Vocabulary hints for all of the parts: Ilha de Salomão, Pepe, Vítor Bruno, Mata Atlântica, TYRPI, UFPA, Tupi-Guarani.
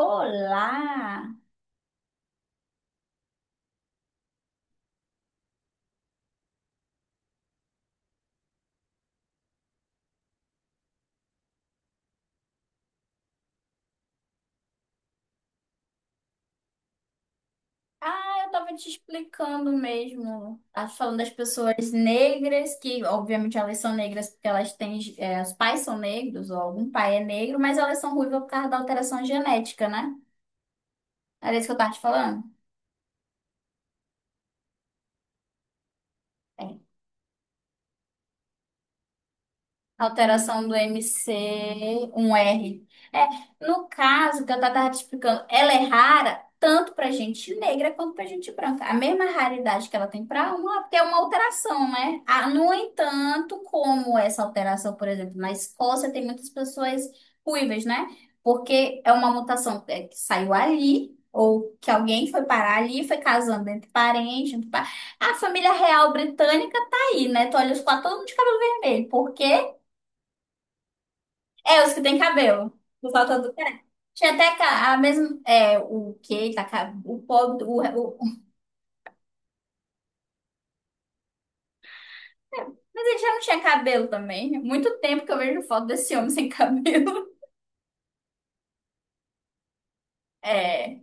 Olá! Ah, eu tava te explicando mesmo. Tá falando das pessoas negras, que obviamente elas são negras porque elas têm, os pais são negros, ou algum pai é negro, mas elas são ruivas por causa da alteração genética, né? Era isso que eu tava te falando? É. Alteração do MC, um R. É, no caso que eu estava te explicando, ela é rara tanto para gente negra quanto para gente branca. A mesma raridade que ela tem para uma, porque é uma alteração, né? Ah, no entanto, como essa alteração, por exemplo, na Escócia tem muitas pessoas ruivas, né? Porque é uma mutação, que saiu ali, ou que alguém foi parar ali, foi casando entre parentes. A família real britânica tá aí, né? Tu olha os quatro, todo mundo de cabelo vermelho, porque os que têm cabelo. Por falta do pé. Tinha até a mesma. É, o que Tá, ca- o pobre. Mas ele já não tinha cabelo também. Muito tempo que eu vejo foto desse homem sem cabelo. É.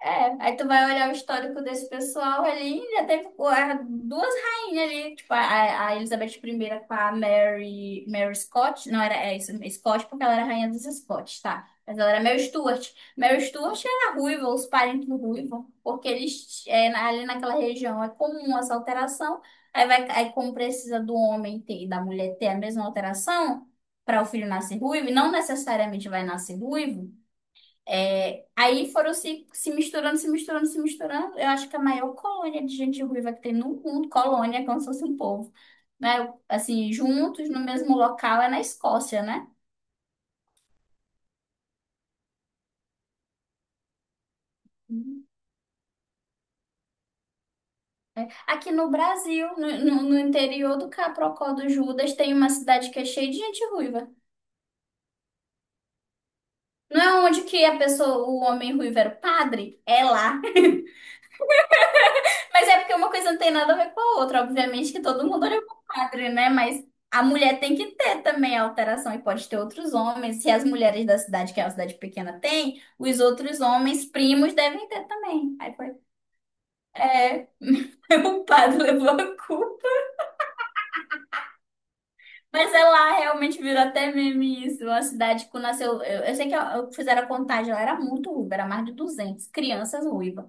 É, aí tu vai olhar o histórico desse pessoal ali, já teve duas rainhas ali, tipo a Elizabeth I com a Mary, Mary Scott, não era é isso, Scott porque ela era rainha dos Scots, tá? Mas ela era Mary Stuart. Mary Stuart era ruiva, os parentes do ruivo, porque ali naquela região é comum essa alteração. Aí vai, aí como precisa do homem ter e da mulher ter a mesma alteração para o filho nascer ruivo, e não necessariamente vai nascer ruivo. É, aí foram se misturando, se misturando, se misturando. Eu acho que a maior colônia de gente ruiva que tem no mundo, colônia, é como se fosse um povo, né? Assim, juntos no mesmo local é na Escócia, né? Aqui no Brasil, no interior do Caprocó do Judas, tem uma cidade que é cheia de gente ruiva. Não é onde que a pessoa, o homem ruivo era o padre? É lá. Mas é porque uma coisa não tem nada a ver com a outra. Obviamente que todo mundo olha pro padre, né? Mas a mulher tem que ter também a alteração e pode ter outros homens. Se as mulheres da cidade, que é uma cidade pequena, têm, os outros homens primos devem ter também. Aí foi. É, o padre levou a culpa. Mas é lá, realmente virou até meme isso. Uma cidade que nasceu. Eu sei que eu fizeram a contagem, ela era muito ruiva, era mais de 200 crianças ruivas.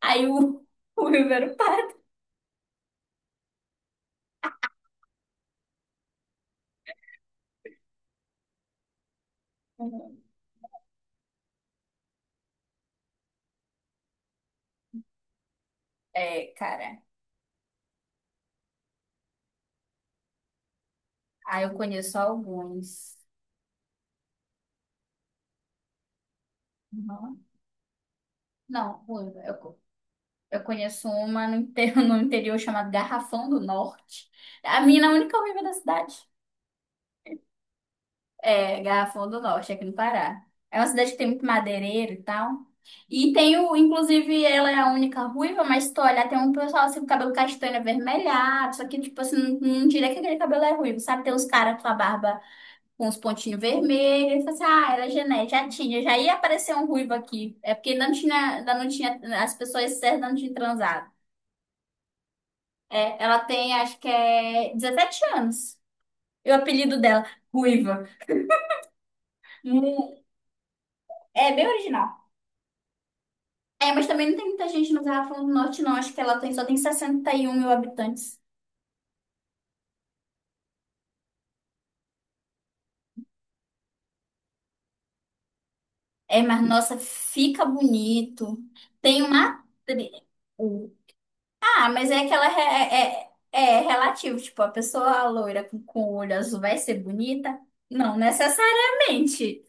Aí o, o ruivo era o padre. É, cara. Ah, eu conheço alguns. Uhum. Não, ruiva. Eu eu conheço uma no interior, no interior chamada Garrafão do Norte. A mina é a única ruiva da cidade. É, Garrafão do Norte, aqui no Pará. É uma cidade que tem muito madeireiro e tal. E tem o, inclusive, ela é a única ruiva, mas se tu olhar, tem um pessoal assim com cabelo castanho avermelhado, só que, tipo assim, não diria que aquele cabelo é ruivo, sabe? Tem uns caras com a barba com os pontinhos vermelhos. Ele falou assim, ah, era genética, já tinha, já ia aparecer um ruivo aqui. É porque ainda não tinha, as pessoas certas ainda não tinham transado. É, ela tem, acho que é 17 anos. E o apelido dela, Ruiva. Mu- É bem original. É, mas também não tem muita gente no Garrafão do Norte, não. Acho que ela tem, só tem 61 mil habitantes. É, mas nossa, fica bonito. Tem uma atriz. Ah, mas é que ela é, é relativo. Tipo, a pessoa loira com o olho azul vai ser bonita? Não necessariamente.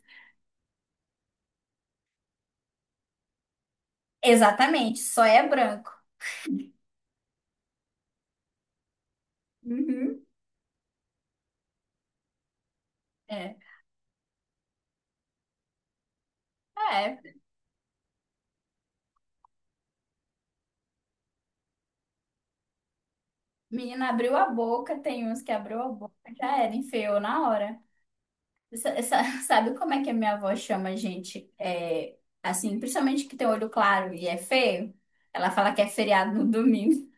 Exatamente, só é branco. Uhum, é. É, menina abriu a boca, tem uns que abriu a boca, já era, enfiou na hora. Sabe como é que a minha avó chama a gente? É, assim, principalmente que tem olho claro e é feio? Ela fala que é feriado no domingo.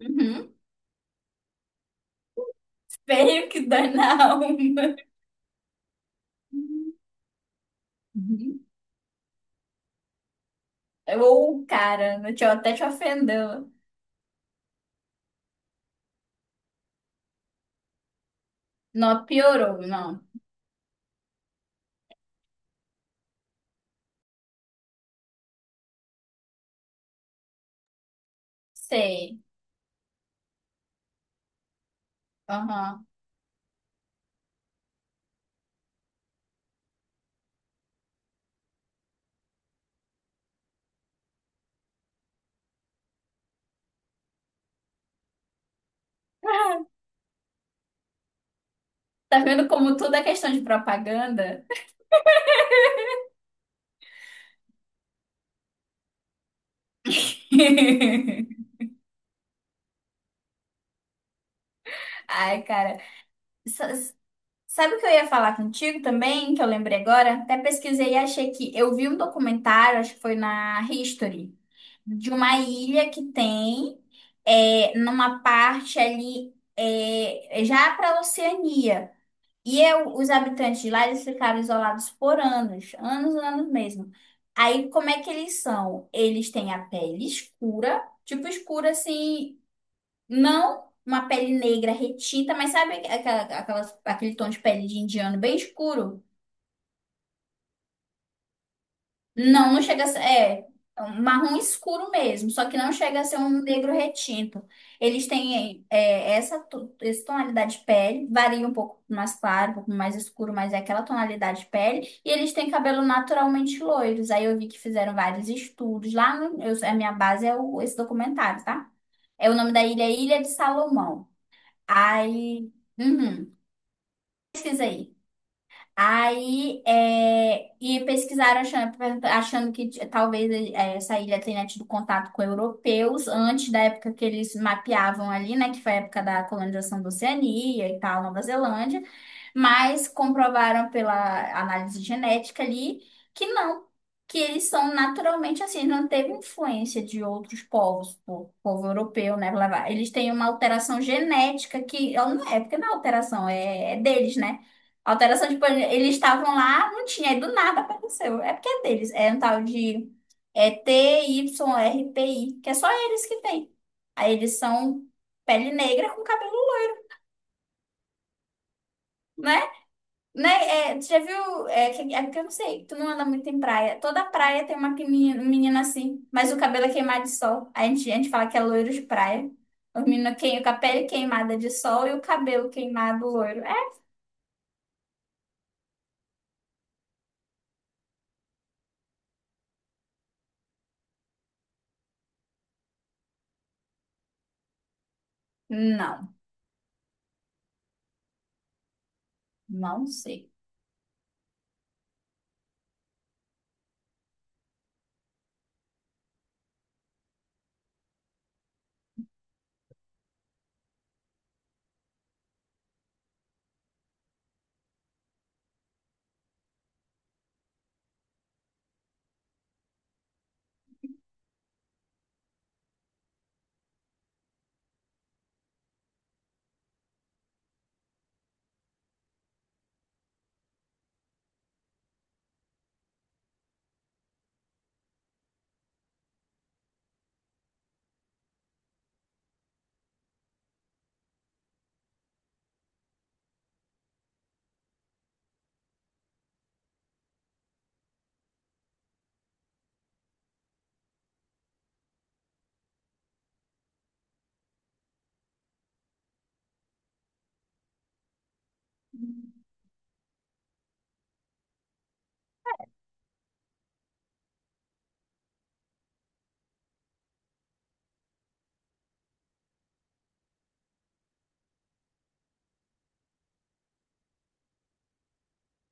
Uhum. Feio que dói na alma. Uhum. Ou, cara, até te ofendeu. Não, piorou, não. Sei. Aham. Tá vendo como tudo é questão de propaganda? Ai, cara. S- Sabe o que eu ia falar contigo também, que eu lembrei agora? Até pesquisei e achei que eu vi um documentário, acho que foi na History, de uma ilha que tem numa parte ali já para a Oceania. E eu, os habitantes de lá, eles ficaram isolados por anos, anos, anos mesmo. Aí, como é que eles são? Eles têm a pele escura, tipo escura assim, não uma pele negra retinta, mas sabe aquele tom de pele de indiano bem escuro? Não, não chega a ser. É, é um marrom escuro mesmo, só que não chega a ser um negro retinto. Eles têm essa tonalidade de pele, varia um pouco mais claro, um pouco mais escuro, mas é aquela tonalidade de pele. E eles têm cabelo naturalmente loiros. Aí eu vi que fizeram vários estudos. Lá, a minha base é esse documentário, tá? É o nome da ilha, é Ilha de Salomão. Aí, uhum, pesquisa aí. Aí, é, e pesquisaram achando que talvez é, essa ilha tenha tido contato com europeus antes da época que eles mapeavam ali, né, que foi a época da colonização da Oceania e tal, Nova Zelândia, mas comprovaram pela análise genética ali que não, que eles são naturalmente assim, não teve influência de outros povos, povo europeu, né, blá, blá. Eles têm uma alteração genética que, não é, porque não é alteração, é deles, né? Alteração de plano. Eles estavam lá, não tinha, aí do nada apareceu. É porque é deles. É um tal de TYRPI que é só eles que tem. Aí eles são pele negra com cabelo, né? Né? É, tu já viu? É, é porque eu não sei, tu não anda muito em praia. Toda praia tem uma menina, menina assim, mas o cabelo é queimado de sol. A gente fala que é loiro de praia. O menino queima com a pele queimada de sol e o cabelo queimado loiro. É? Não, não sei.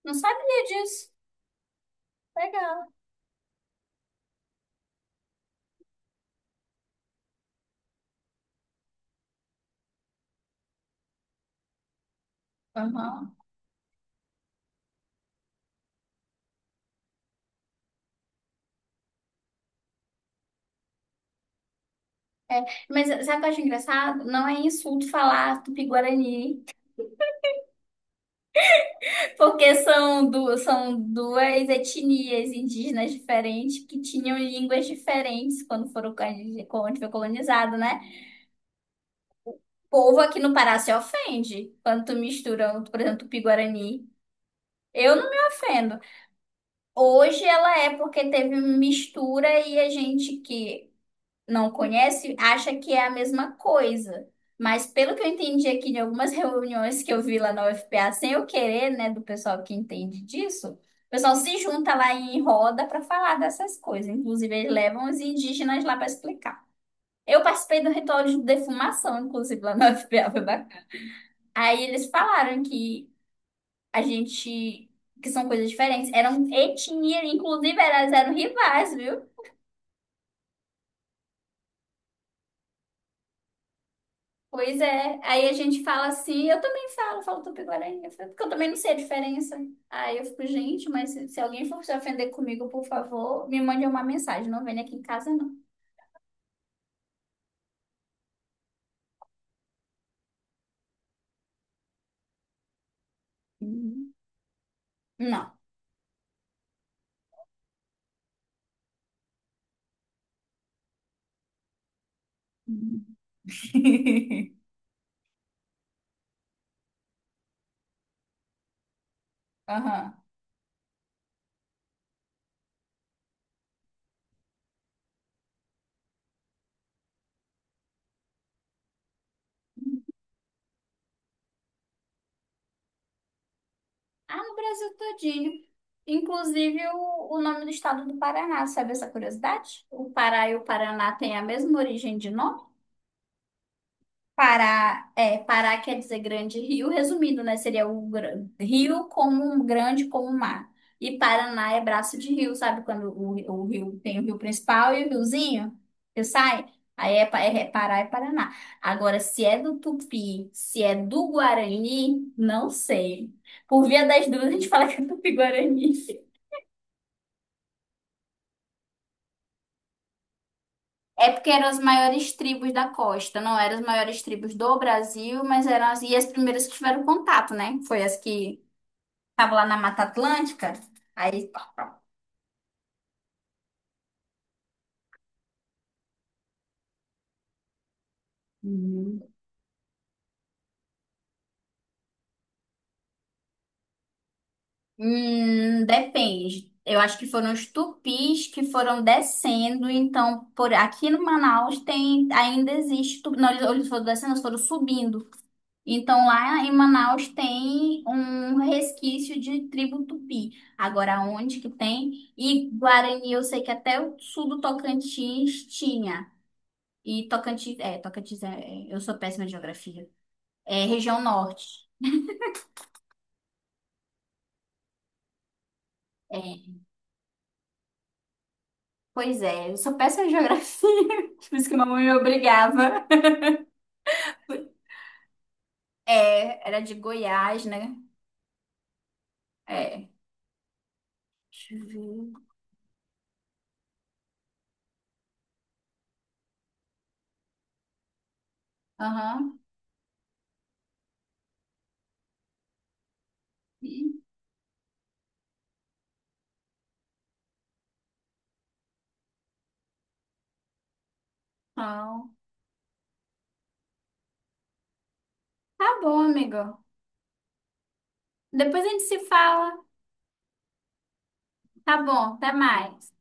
Não sabia disso. Legal. Aham. Mas sabe o que eu acho engraçado? Não é insulto falar Tupi-Guarani, porque são duas etnias indígenas diferentes que tinham línguas diferentes quando quando foi colonizado, né? O povo aqui no Pará se ofende quando tu mistura, por exemplo, Tupi-Guarani. Eu não me ofendo. Hoje ela é porque teve mistura e a gente que não conhece, acha que é a mesma coisa. Mas pelo que eu entendi aqui de algumas reuniões que eu vi lá na UFPA, sem eu querer, né, do pessoal que entende disso, o pessoal se junta lá em roda para falar dessas coisas. Inclusive, eles levam os indígenas lá para explicar. Eu participei do ritual de defumação, inclusive, lá na UFPA, foi bacana. Aí eles falaram que a gente, que são coisas diferentes, eram etnia, inclusive elas eram rivais. Pois é, aí a gente fala assim, eu também falo, falo Tupi-Guarani, eu falo, porque eu também não sei a diferença. Aí eu fico, gente, mas se alguém for se ofender comigo, por favor, me mande uma mensagem, não venha aqui em casa, não. Uhum. Não. Uhum. Aham. Ah, no Brasil todinho. Inclusive o nome do estado do Paraná, sabe essa curiosidade? O Pará e o Paraná têm a mesma origem de nome? Pará, é, Pará quer dizer grande rio, resumindo, né? Seria o rio como um grande como um mar. E Paraná é braço de rio, sabe? Quando o rio tem o rio principal e o riozinho que sai, aí é, pa- é é Pará e Paraná. Agora, se é do Tupi, se é do Guarani, não sei. Por via das dúvidas, a gente fala que é Tupi-Guarani. É porque eram as maiores tribos da costa, não eram as maiores tribos do Brasil, mas eram as, e as primeiras que tiveram contato, né? Foi as que tava lá na Mata Atlântica, aí. Uhum. Depende. Eu acho que foram os tupis que foram descendo, então por aqui no Manaus tem ainda existe, tupi- não, eles foram descendo, eles foram subindo. Então lá em Manaus tem um resquício de tribo tupi. Agora onde que tem? E Guarani, eu sei que até o sul do Tocantins tinha. E Tocantins, Tocantins eu sou péssima em geografia. É região norte. É. Pois é, eu sou péssima em geografia, por isso que mamãe me obrigava. É, era de Goiás, né? É. Deixa eu ver. Aham. Então, tá bom, amigo. Depois a gente se fala. Tá bom, até mais.